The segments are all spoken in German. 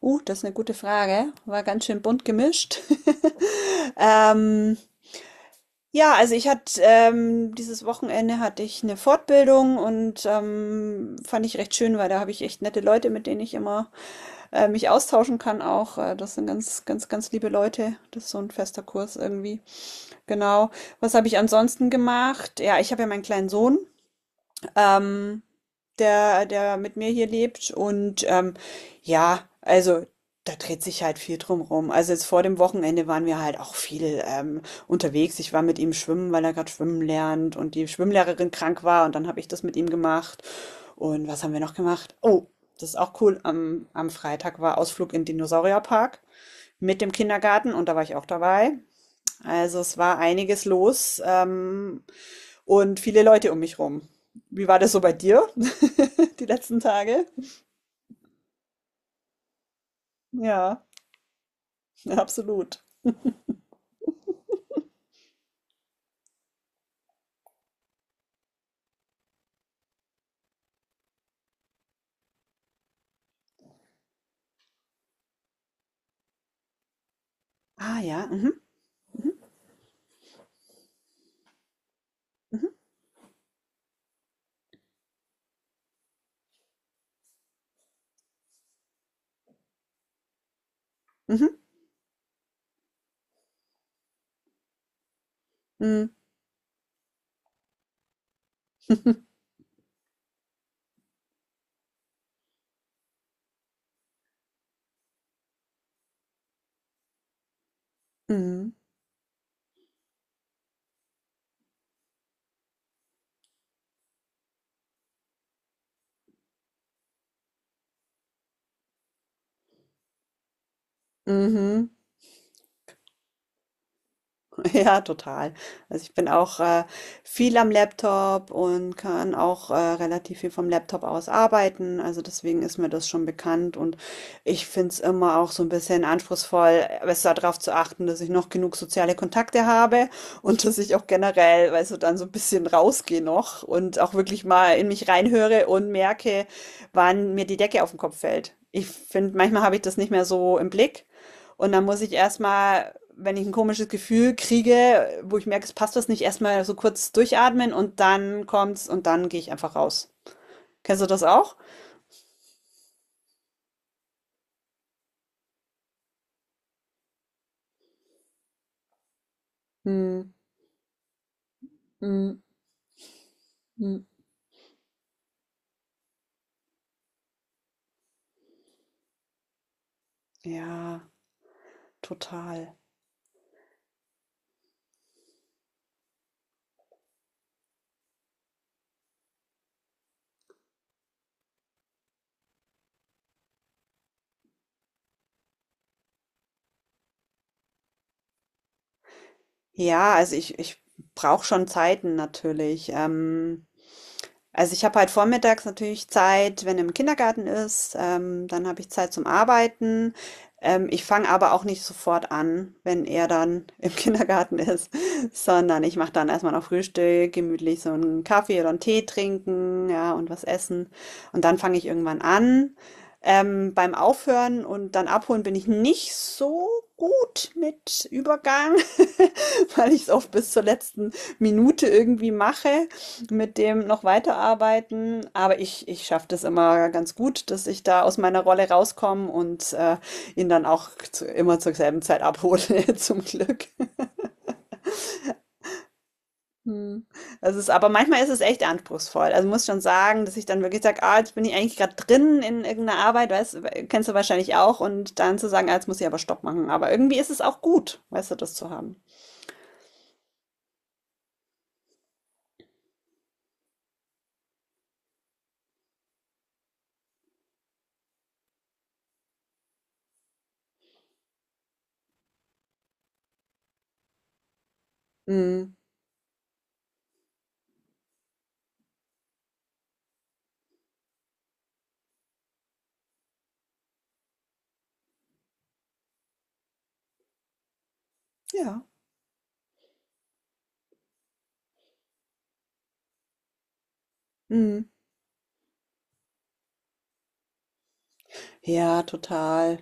Das ist eine gute Frage. War ganz schön bunt gemischt. Ähm, ja, also ich hatte dieses Wochenende hatte ich eine Fortbildung und fand ich recht schön, weil da habe ich echt nette Leute, mit denen ich immer mich austauschen kann auch. Das sind ganz, ganz, ganz liebe Leute. Das ist so ein fester Kurs irgendwie. Genau. Was habe ich ansonsten gemacht? Ja, ich habe ja meinen kleinen Sohn. Ähm, der mit mir hier lebt. Und ja, also da dreht sich halt viel drum rum. Also jetzt vor dem Wochenende waren wir halt auch viel unterwegs. Ich war mit ihm schwimmen, weil er gerade schwimmen lernt und die Schwimmlehrerin krank war und dann habe ich das mit ihm gemacht. Und was haben wir noch gemacht? Oh, das ist auch cool. Am Freitag war Ausflug in den Dinosaurierpark mit dem Kindergarten und da war ich auch dabei. Also es war einiges los und viele Leute um mich rum. Wie war das so bei dir die letzten Tage? Ja, ja, absolut. Ah ja, mhm, mhm, mhm, mhm, mhm. Ja, total. Also ich bin auch viel am Laptop und kann auch relativ viel vom Laptop aus arbeiten. Also deswegen ist mir das schon bekannt und ich finde es immer auch so ein bisschen anspruchsvoll, besser darauf zu achten, dass ich noch genug soziale Kontakte habe und dass ich auch generell, weißt du, dann so ein bisschen rausgehe noch und auch wirklich mal in mich reinhöre und merke, wann mir die Decke auf den Kopf fällt. Ich finde, manchmal habe ich das nicht mehr so im Blick. Und dann muss ich erstmal, wenn ich ein komisches Gefühl kriege, wo ich merke, es passt was nicht, erstmal so kurz durchatmen und dann kommt's und dann gehe ich einfach raus. Kennst du das auch? Hm, hm, hm. Ja, total. Ja, also ich brauche schon Zeiten natürlich. Also ich habe halt vormittags natürlich Zeit, wenn er im Kindergarten ist, dann habe ich Zeit zum Arbeiten. Ich fange aber auch nicht sofort an, wenn er dann im Kindergarten ist, sondern ich mache dann erstmal noch Frühstück, gemütlich so einen Kaffee oder einen Tee trinken, ja, und was essen. Und dann fange ich irgendwann an. Beim Aufhören und dann abholen bin ich nicht so gut mit Übergang, weil ich es oft bis zur letzten Minute irgendwie mache mit dem noch weiterarbeiten, aber ich schaffe das immer ganz gut, dass ich da aus meiner Rolle rauskomme und ihn dann auch immer zur selben Zeit abhole, zum Glück. Hm. Das ist, aber manchmal ist es echt anspruchsvoll. Also muss schon sagen, dass ich dann wirklich sage, ah, jetzt bin ich eigentlich gerade drin in irgendeiner Arbeit, weißt, kennst du wahrscheinlich auch, und dann zu sagen, ah, jetzt muss ich aber Stopp machen. Aber irgendwie ist es auch gut, weißt du, das zu haben. Hm. Ja. Hm. Ja, total.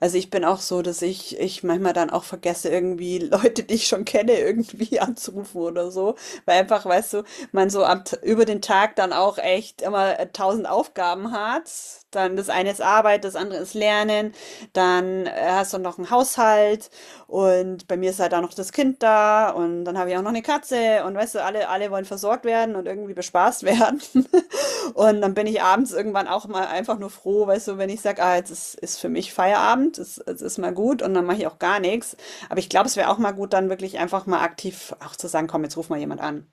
Also, ich bin auch so, dass ich manchmal dann auch vergesse, irgendwie Leute, die ich schon kenne, irgendwie anzurufen oder so. Weil einfach, weißt du, man so über den Tag dann auch echt immer tausend Aufgaben hat. Dann das eine ist Arbeit, das andere ist Lernen. Dann hast du noch einen Haushalt und bei mir ist halt auch noch das Kind da und dann habe ich auch noch eine Katze und weißt du, alle, alle wollen versorgt werden und irgendwie bespaßt werden. Und dann bin ich abends irgendwann auch mal einfach nur froh, weißt du, wenn ich sage, ah, jetzt ist für mich Feierabend, es ist mal gut und dann mache ich auch gar nichts. Aber ich glaube, es wäre auch mal gut, dann wirklich einfach mal aktiv auch zu sagen, komm, jetzt ruf mal jemand an.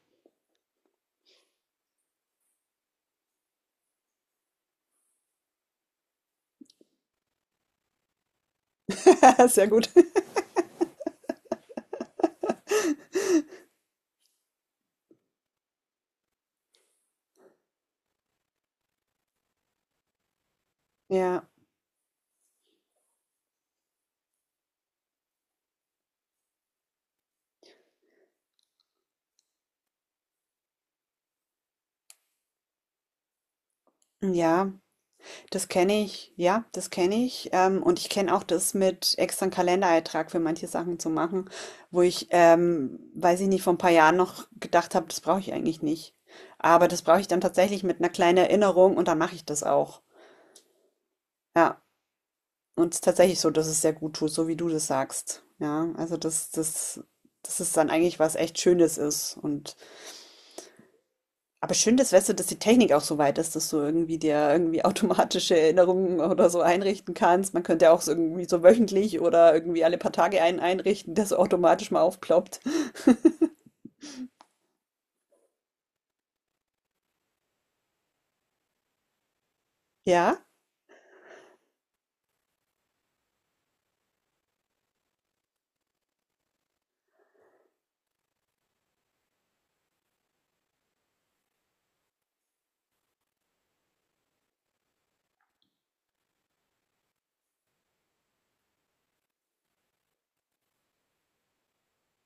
Sehr gut. Ja, ja, das kenne ich. Ja, das kenne ich. Und ich kenne auch das mit extra einen Kalendereintrag für manche Sachen zu machen, wo ich, weiß ich nicht, vor ein paar Jahren noch gedacht habe, das brauche ich eigentlich nicht. Aber das brauche ich dann tatsächlich mit einer kleinen Erinnerung und dann mache ich das auch. Ja. Und es ist tatsächlich so, dass es sehr gut tut, so wie du das sagst. Ja, also das ist dann eigentlich was echt Schönes ist. Und aber schön, dass, weißt du, dass die Technik auch so weit ist, dass du irgendwie dir irgendwie automatische Erinnerungen oder so einrichten kannst. Man könnte ja auch so irgendwie so wöchentlich oder irgendwie alle paar Tage einen einrichten, der so automatisch mal aufploppt. Ja.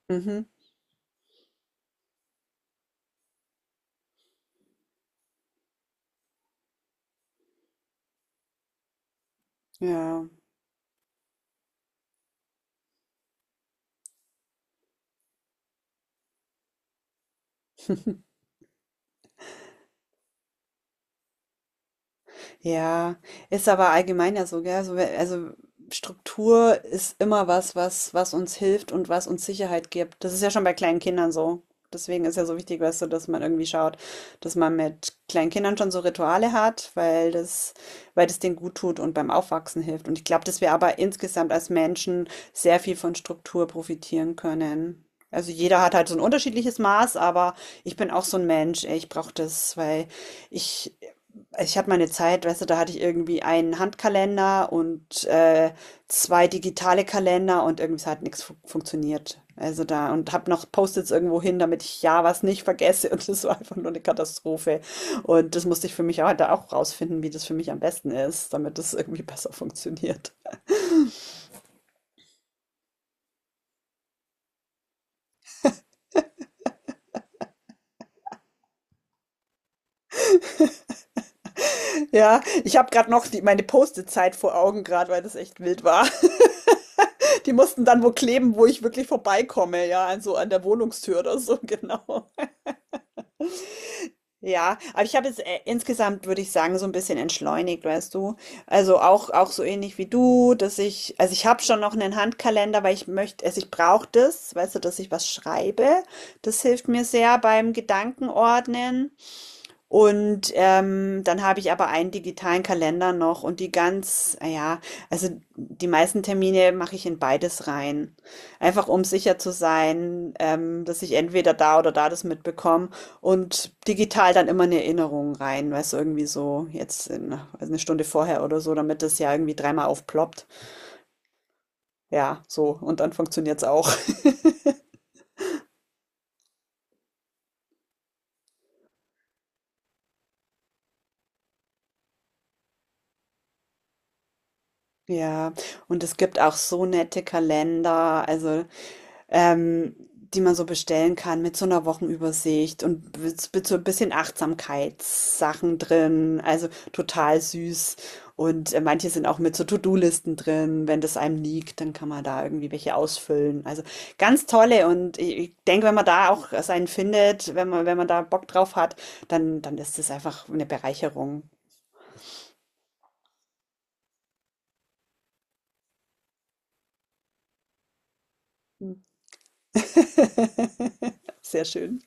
Mhm. Ja. Ja, ist aber allgemein ja so, gell? So, also Struktur ist immer was, was uns hilft und was uns Sicherheit gibt. Das ist ja schon bei kleinen Kindern so. Deswegen ist ja so wichtig, weißt du, dass man irgendwie schaut, dass man mit kleinen Kindern schon so Rituale hat, weil das denen gut tut und beim Aufwachsen hilft. Und ich glaube, dass wir aber insgesamt als Menschen sehr viel von Struktur profitieren können. Also jeder hat halt so ein unterschiedliches Maß, aber ich bin auch so ein Mensch, ey, ich brauche das, weil ich ich habe meine Zeit, weißt du, da hatte ich irgendwie einen Handkalender und zwei digitale Kalender und irgendwie es hat nichts fu funktioniert. Also da und habe noch Post-its irgendwo hin, damit ich ja was nicht vergesse und das war einfach nur eine Katastrophe. Und das musste ich für mich auch, da auch rausfinden, wie das für mich am besten ist, damit das irgendwie besser funktioniert. Ja, ich habe gerade noch meine Post-it-Zeit vor Augen gerade, weil das echt wild war. Die mussten dann wo kleben, wo ich wirklich vorbeikomme, ja, an so an der Wohnungstür oder so, genau. Ja, aber ich habe jetzt insgesamt, würde ich sagen, so ein bisschen entschleunigt, weißt du. Also auch, auch so ähnlich wie du, dass ich, also ich habe schon noch einen Handkalender, weil ich möchte, also ich brauche das, weißt du, dass ich was schreibe. Das hilft mir sehr beim Gedankenordnen. Und dann habe ich aber einen digitalen Kalender noch und die ganz, ah ja, also die meisten Termine mache ich in beides rein. Einfach um sicher zu sein, dass ich entweder da oder da das mitbekomme und digital dann immer eine Erinnerung rein, weißt du, irgendwie so jetzt in, also eine Stunde vorher oder so, damit das ja irgendwie dreimal aufploppt. Ja, so. Und dann funktioniert's auch. Ja. Und es gibt auch so nette Kalender. Also. ähm, die man so bestellen kann mit so einer Wochenübersicht und mit so ein bisschen Achtsamkeitssachen drin, also total süß. Und manche sind auch mit so To-do-Listen drin. Wenn das einem liegt, dann kann man da irgendwie welche ausfüllen. Also, ganz tolle und i ich denke, wenn man da auch seinen findet, wenn man wenn man da Bock drauf hat, dann ist das einfach eine Bereicherung. Sehr schön.